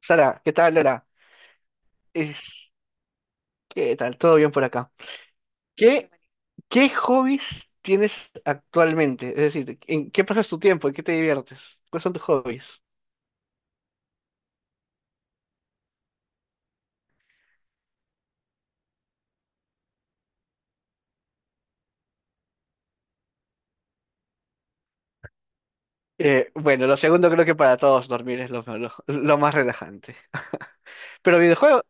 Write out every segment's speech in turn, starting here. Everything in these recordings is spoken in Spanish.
Sara, ¿qué tal, Lola? Es- ¿Qué tal? ¿Todo bien por acá? ¿Qué, ¿Qué hobbies tienes actualmente? Es decir, ¿en qué pasas tu tiempo? ¿En qué te diviertes? ¿Cuáles son tus hobbies? Bueno, lo segundo creo que para todos dormir es lo más relajante. Pero videojuegos,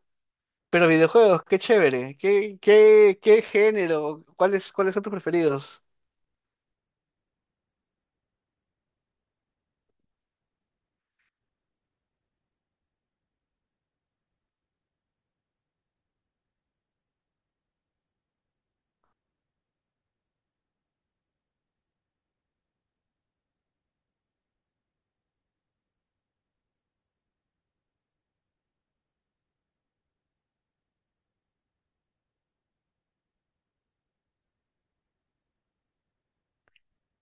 pero videojuegos, qué chévere. ¿Qué género? ¿Cuáles son tus preferidos?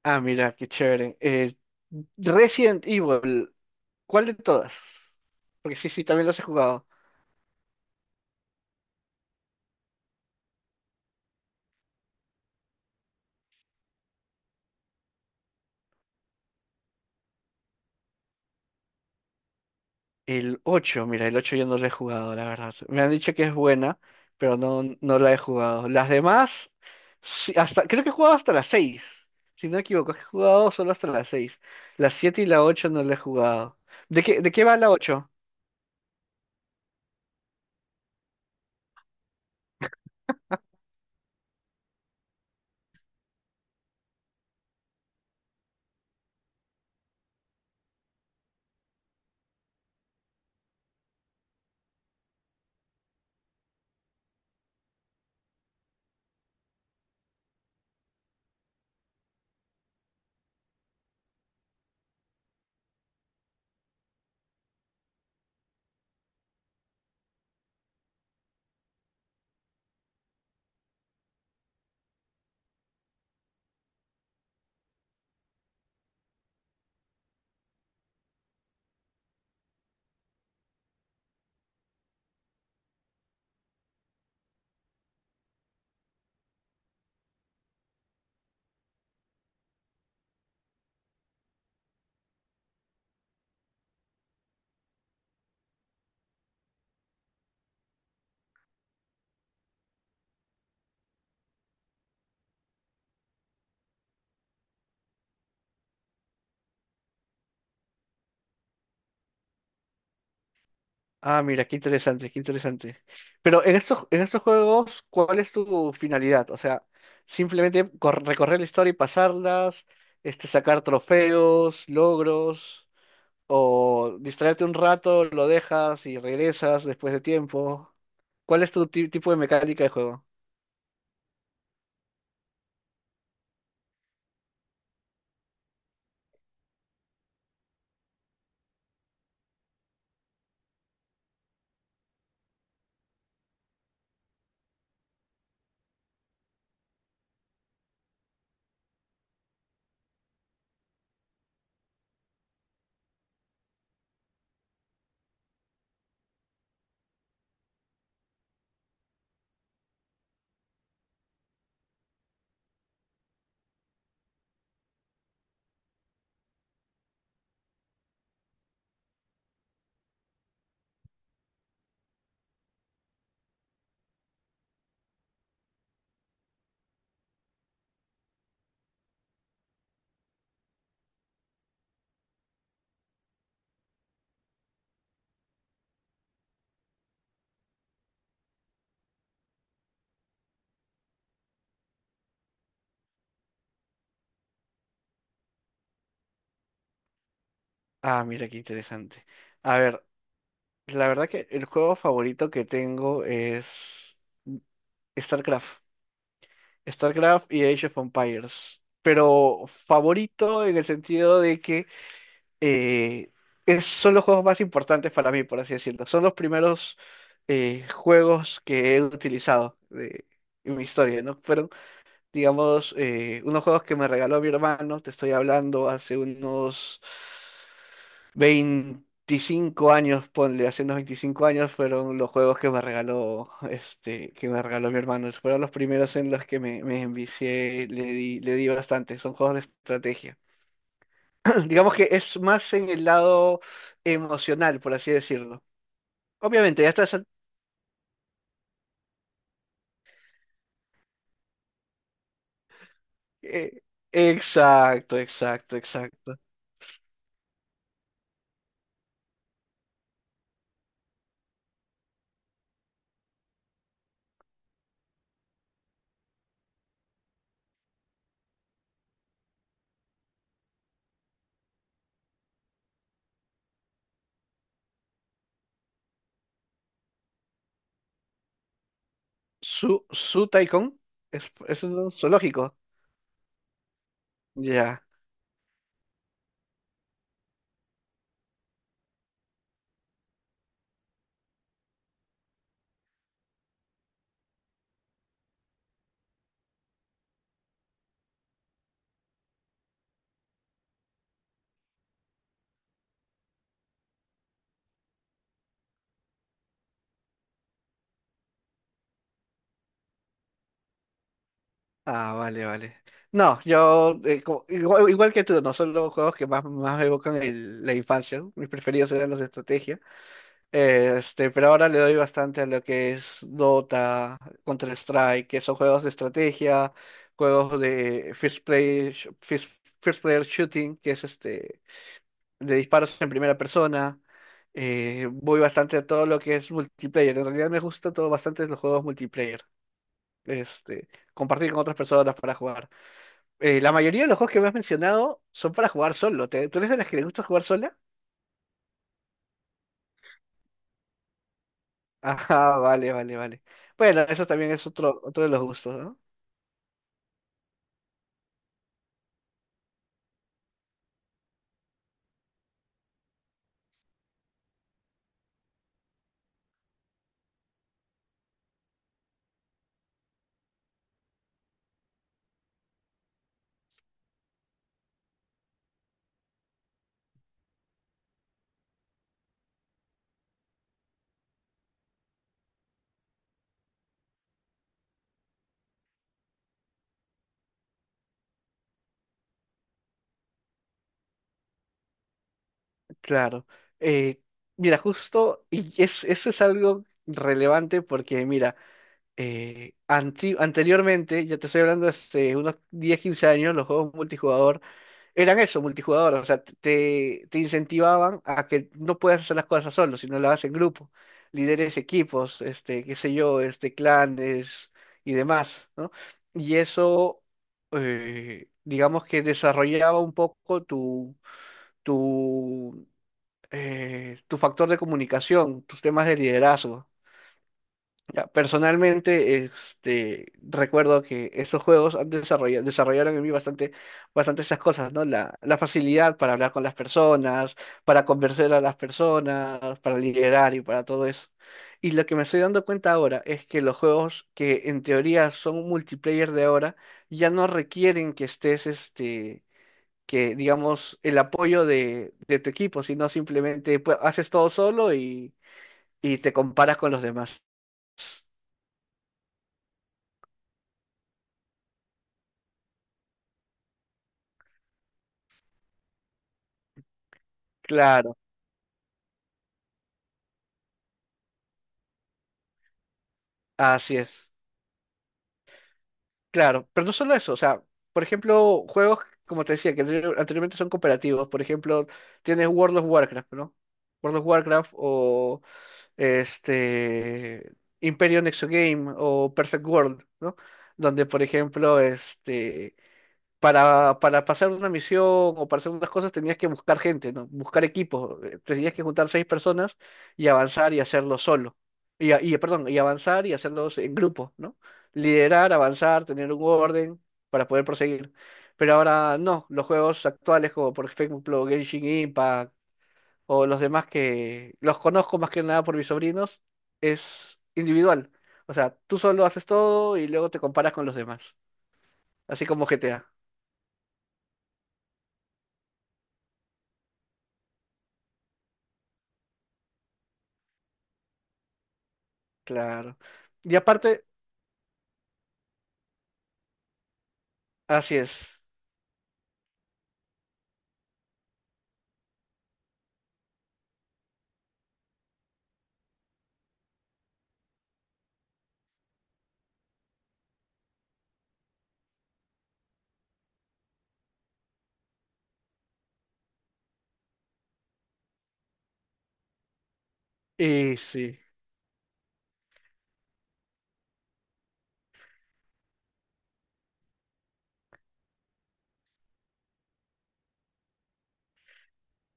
Ah, mira, qué chévere. Resident Evil, ¿cuál de todas? Porque sí, sí, también los he jugado. El 8, mira, el 8 yo no lo he jugado, la verdad. Me han dicho que es buena, pero no la he jugado. Las demás, sí, hasta, creo que he jugado hasta las seis. Si no me equivoco, he jugado solo hasta las 6. Las 7 y la ocho no la he jugado. ¿De qué va la 8? Ah, mira, qué interesante, qué interesante. En estos juegos, ¿cuál es tu finalidad? O sea, simplemente recorrer la historia y pasarlas, este, sacar trofeos, logros, o distraerte un rato, lo dejas y regresas después de tiempo. ¿Cuál es tu tipo de mecánica de juego? Ah, mira qué interesante. A ver, la verdad que el juego favorito que tengo es StarCraft. StarCraft y Age of Empires. Pero favorito en el sentido de que eh, son los juegos más importantes para mí, por así decirlo. Son los primeros juegos que he utilizado en mi historia, ¿no? Fueron, digamos, unos juegos que me regaló mi hermano, te estoy hablando hace unos 25 años, ponle, hace unos 25 años fueron los juegos que me regaló, este, que me regaló mi hermano. Fueron los primeros en los que me envicié, le di bastante, son juegos de estrategia. Digamos que es más en el lado emocional, por así decirlo. Obviamente, ya estás... al- eh, exacto, exacto, exacto. Su Tycoon es un zoológico. Ya. Ah, vale, vale. No, yo igual, igual que tú, no son los juegos que más me evocan la infancia. ¿No? Mis preferidos eran los de estrategia. Este, pero ahora le doy bastante a lo que es Dota, Counter-Strike, que son juegos de estrategia, juegos de first player shooting, que es este de disparos en primera persona. Voy bastante a todo lo que es multiplayer. En realidad me gusta todo bastante los juegos multiplayer. Este, compartir con otras personas para jugar. La mayoría de los juegos que me has mencionado son para jugar solo. ¿Tú eres de las que le gusta jugar sola? Ajá, vale, vale, vale. Bueno, eso también es otro, otro de los gustos, ¿no? Claro. Eh, Mira, justo, y es, eso es algo relevante porque, mira, anteriormente, ya te estoy hablando hace unos 10 15 años, los juegos multijugador eran eso, multijugador, o sea, te incentivaban a que no puedas hacer las cosas solo, sino las haces en grupo, líderes, equipos, este, qué sé yo, este, clanes y demás, ¿no? Y eso, digamos que desarrollaba un poco tu, tu factor de comunicación, tus temas de liderazgo. Ya, personalmente, este, recuerdo que estos juegos han desarrollaron en mí bastante, bastante esas cosas, ¿no? La facilidad para hablar con las personas, para convencer a las personas, para liderar y para todo eso. Y lo que me estoy dando cuenta ahora es que los juegos que en teoría son multiplayer de ahora ya no requieren que estés, este, que digamos, el apoyo de tu equipo, sino simplemente pues, haces todo solo y te comparas con los demás. Claro. Así es, claro, pero no solo eso, o sea, por ejemplo, juegos, como te decía, que anteriormente son cooperativos, por ejemplo, tienes World of Warcraft, ¿no? World of Warcraft o este Imperio Nexo Game o Perfect World, ¿no? Donde, por ejemplo, este, para pasar una misión o para hacer unas cosas tenías que buscar gente, ¿no? Buscar equipos. Tenías que juntar 6 personas y avanzar y hacerlo solo. Y, perdón, y avanzar y hacerlos en grupo, ¿no? Liderar, avanzar, tener un orden para poder proseguir. Pero ahora no, los juegos actuales, como por ejemplo Genshin Impact o los demás, que los conozco más que nada por mis sobrinos, es individual. O sea, tú solo haces todo y luego te comparas con los demás, así como GTA. Claro. Y aparte, así es. Y sí,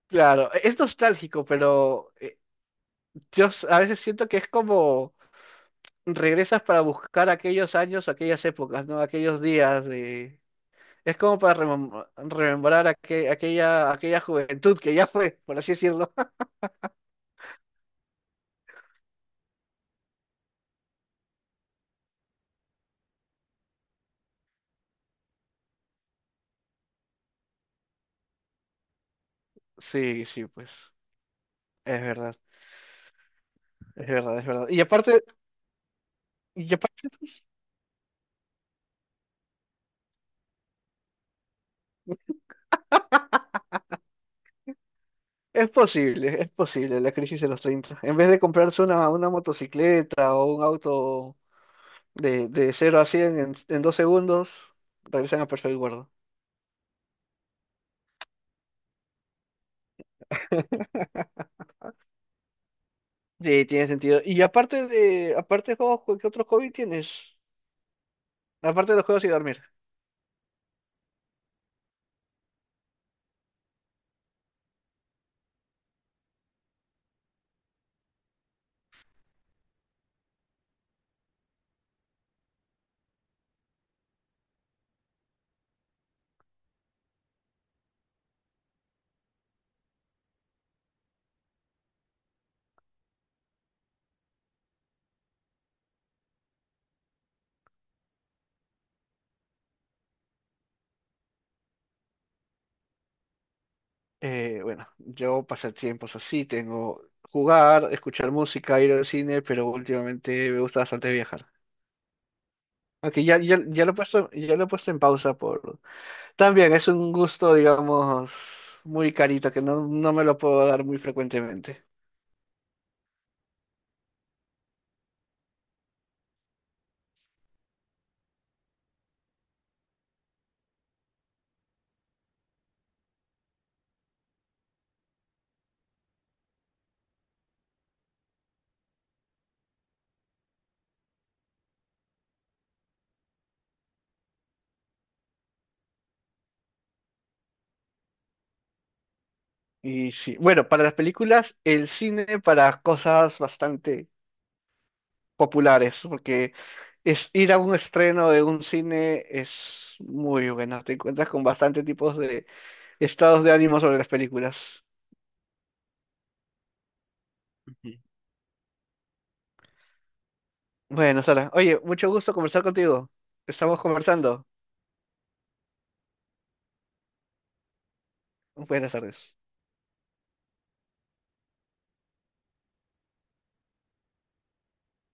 claro, es nostálgico, pero a veces siento que es como regresas para buscar aquellos años, aquellas épocas, ¿no? Aquellos días de... Es como para remembrar aquella, aquella juventud que ya fue, por así decirlo. Sí, sí, pues. Es verdad, es verdad, es verdad. Y aparte, es posible la crisis de los treinta. En vez de comprarse una motocicleta o un auto de 0 a 100 en 2 segundos, regresan a perfect guardo. Sí, tiene sentido. Aparte de juegos, ¿qué otro hobby tienes? Aparte de los juegos y dormir. Bueno, yo pasatiempos así, tengo jugar, escuchar música, ir al cine, pero últimamente me gusta bastante viajar. Aunque ya lo he puesto, ya lo he puesto en pausa por... También es un gusto, digamos, muy carito, que no me lo puedo dar muy frecuentemente. Y sí, bueno, para las películas, el cine para cosas bastante populares, porque es ir a un estreno de un cine es muy bueno, te encuentras con bastante tipos de estados de ánimo sobre las películas. Ujú. Bueno, Sara, oye, mucho gusto conversar contigo. Estamos conversando. Buenas tardes.